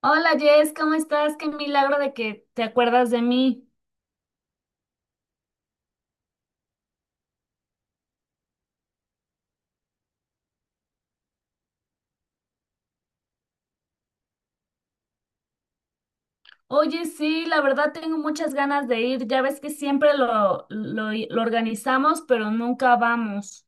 Hola Jess, ¿cómo estás? Qué milagro de que te acuerdas de mí. Oye, sí, la verdad tengo muchas ganas de ir. Ya ves que siempre lo organizamos, pero nunca vamos.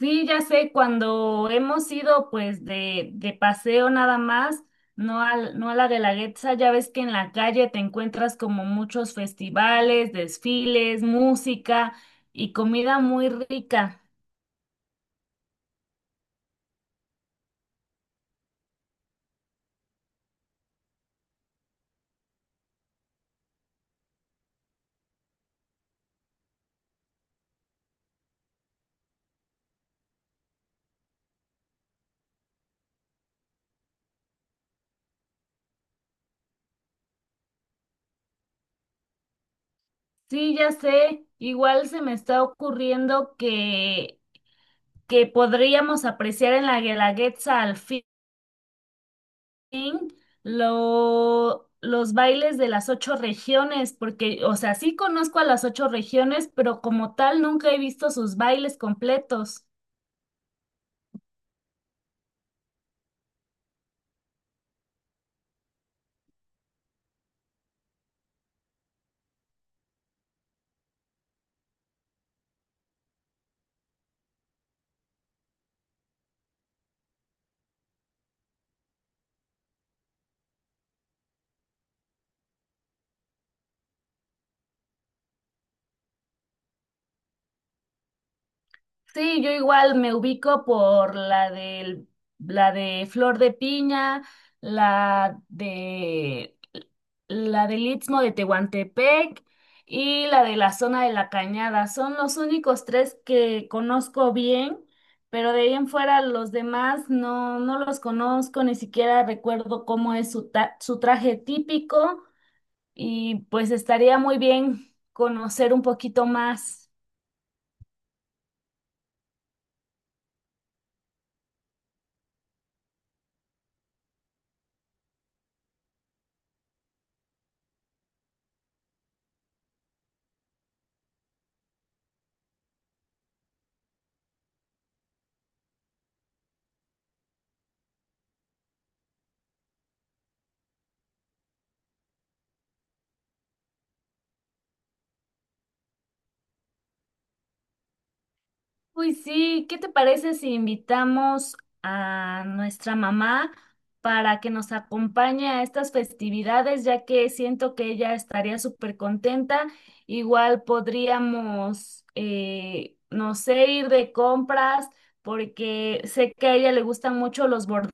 Sí, ya sé, cuando hemos ido pues de paseo nada más, no a la Guelaguetza, ya ves que en la calle te encuentras como muchos festivales, desfiles, música y comida muy rica. Sí, ya sé. Igual se me está ocurriendo que podríamos apreciar en la Guelaguetza al fin los bailes de las ocho regiones, porque, o sea, sí conozco a las ocho regiones, pero como tal nunca he visto sus bailes completos. Sí, yo igual me ubico por la de Flor de Piña, la de la del Istmo de Tehuantepec y la de la zona de la Cañada. Son los únicos tres que conozco bien, pero de ahí en fuera los demás no, no los conozco, ni siquiera recuerdo cómo es su traje típico y pues estaría muy bien conocer un poquito más. Uy, sí, ¿qué te parece si invitamos a nuestra mamá para que nos acompañe a estas festividades, ya que siento que ella estaría súper contenta? Igual podríamos, no sé, ir de compras, porque sé que a ella le gustan mucho los bordados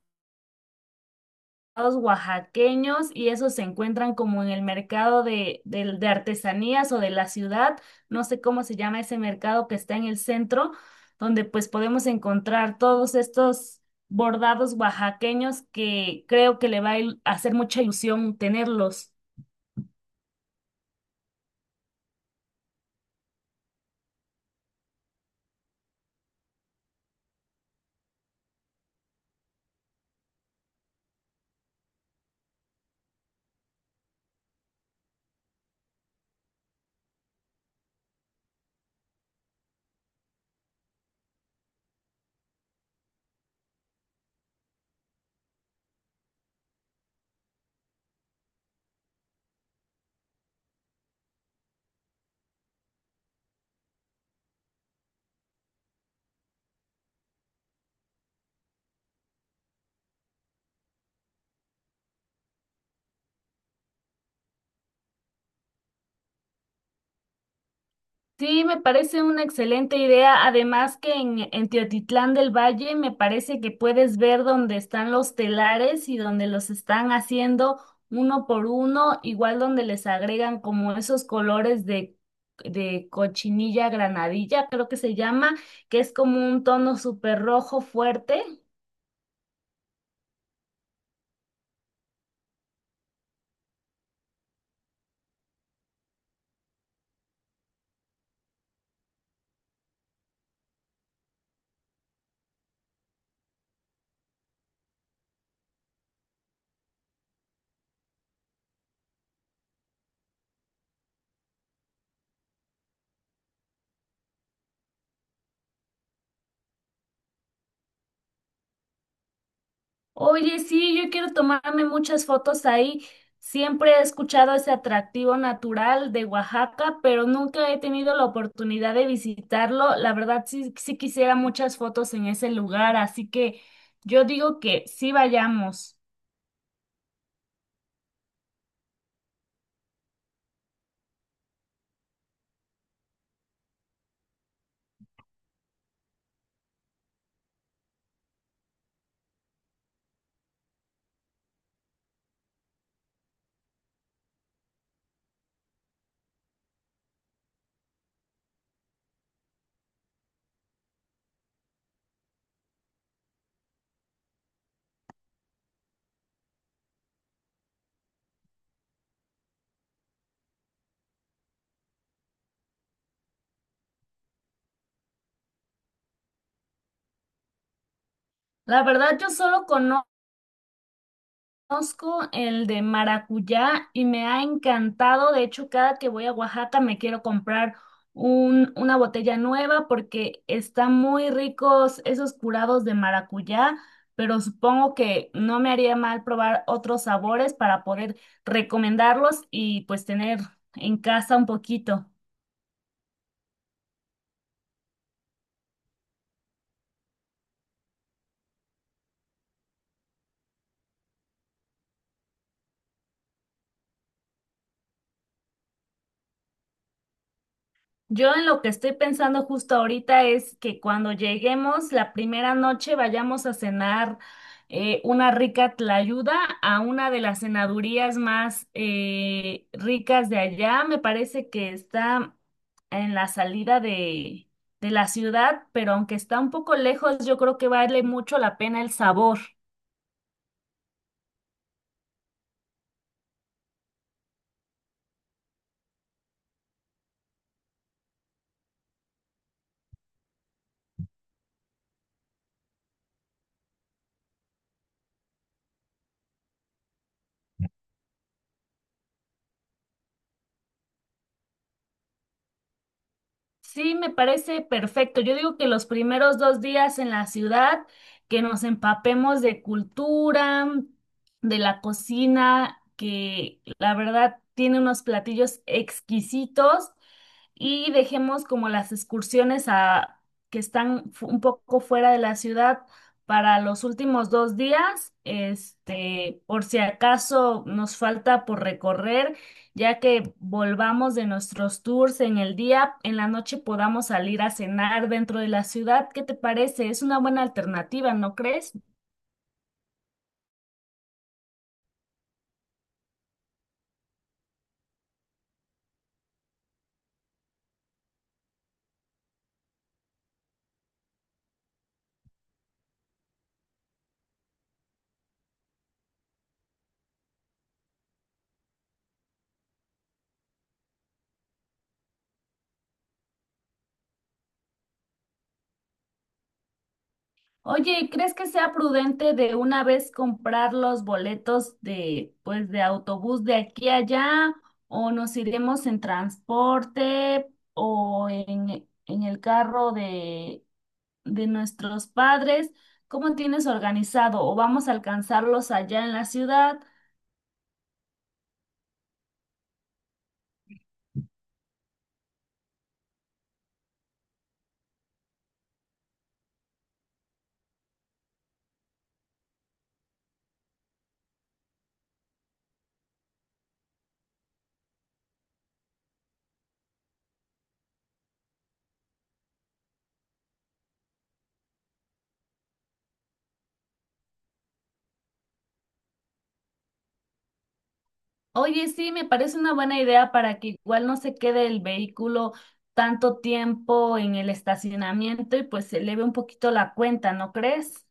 oaxaqueños y esos se encuentran como en el mercado de artesanías o de la ciudad, no sé cómo se llama ese mercado que está en el centro, donde pues podemos encontrar todos estos bordados oaxaqueños que creo que le va a hacer mucha ilusión tenerlos. Sí, me parece una excelente idea. Además que en Teotitlán del Valle me parece que puedes ver dónde están los telares y donde los están haciendo uno por uno, igual donde les agregan como esos colores de cochinilla granadilla, creo que se llama, que es como un tono súper rojo fuerte. Oye, sí, yo quiero tomarme muchas fotos ahí. Siempre he escuchado ese atractivo natural de Oaxaca, pero nunca he tenido la oportunidad de visitarlo. La verdad, sí quisiera muchas fotos en ese lugar, así que yo digo que sí vayamos. La verdad, yo solo conozco el de maracuyá y me ha encantado. De hecho, cada que voy a Oaxaca me quiero comprar una botella nueva porque están muy ricos esos curados de maracuyá, pero supongo que no me haría mal probar otros sabores para poder recomendarlos y pues tener en casa un poquito. Yo en lo que estoy pensando justo ahorita es que cuando lleguemos la primera noche vayamos a cenar una rica tlayuda a una de las cenadurías más ricas de allá. Me parece que está en la salida de la ciudad, pero aunque está un poco lejos, yo creo que vale mucho la pena el sabor. Sí, me parece perfecto. Yo digo que los primeros dos días en la ciudad, que nos empapemos de cultura, de la cocina, que la verdad tiene unos platillos exquisitos y dejemos como las excursiones a que están un poco fuera de la ciudad para los últimos dos días, este, por si acaso nos falta por recorrer ya que volvamos de nuestros tours en el día, en la noche podamos salir a cenar dentro de la ciudad. ¿Qué te parece? Es una buena alternativa, ¿no crees? Oye, ¿crees que sea prudente de una vez comprar los boletos de, pues, de autobús de aquí a allá? ¿O nos iremos en transporte o en el carro de nuestros padres? ¿Cómo tienes organizado? ¿O vamos a alcanzarlos allá en la ciudad? Oye, sí, me parece una buena idea para que igual no se quede el vehículo tanto tiempo en el estacionamiento y pues se eleve un poquito la cuenta, ¿no crees?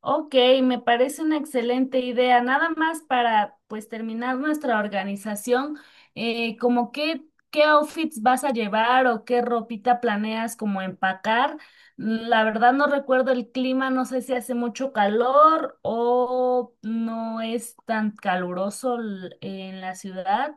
Ok, me parece una excelente idea. Nada más para pues terminar nuestra organización, como qué, qué outfits vas a llevar o qué ropita planeas como empacar. La verdad no recuerdo el clima, no sé si hace mucho calor o no es tan caluroso en la ciudad.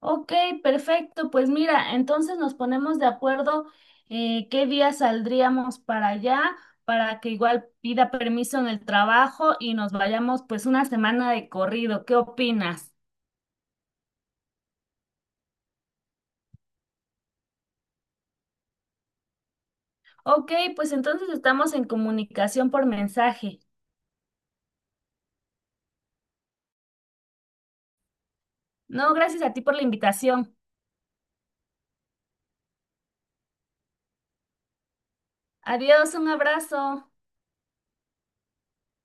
Ok, perfecto. Pues mira, entonces nos ponemos de acuerdo qué día saldríamos para allá, para que igual pida permiso en el trabajo y nos vayamos pues una semana de corrido. ¿Qué opinas? Ok, pues entonces estamos en comunicación por mensaje. No, gracias a ti por la invitación. Adiós, un abrazo.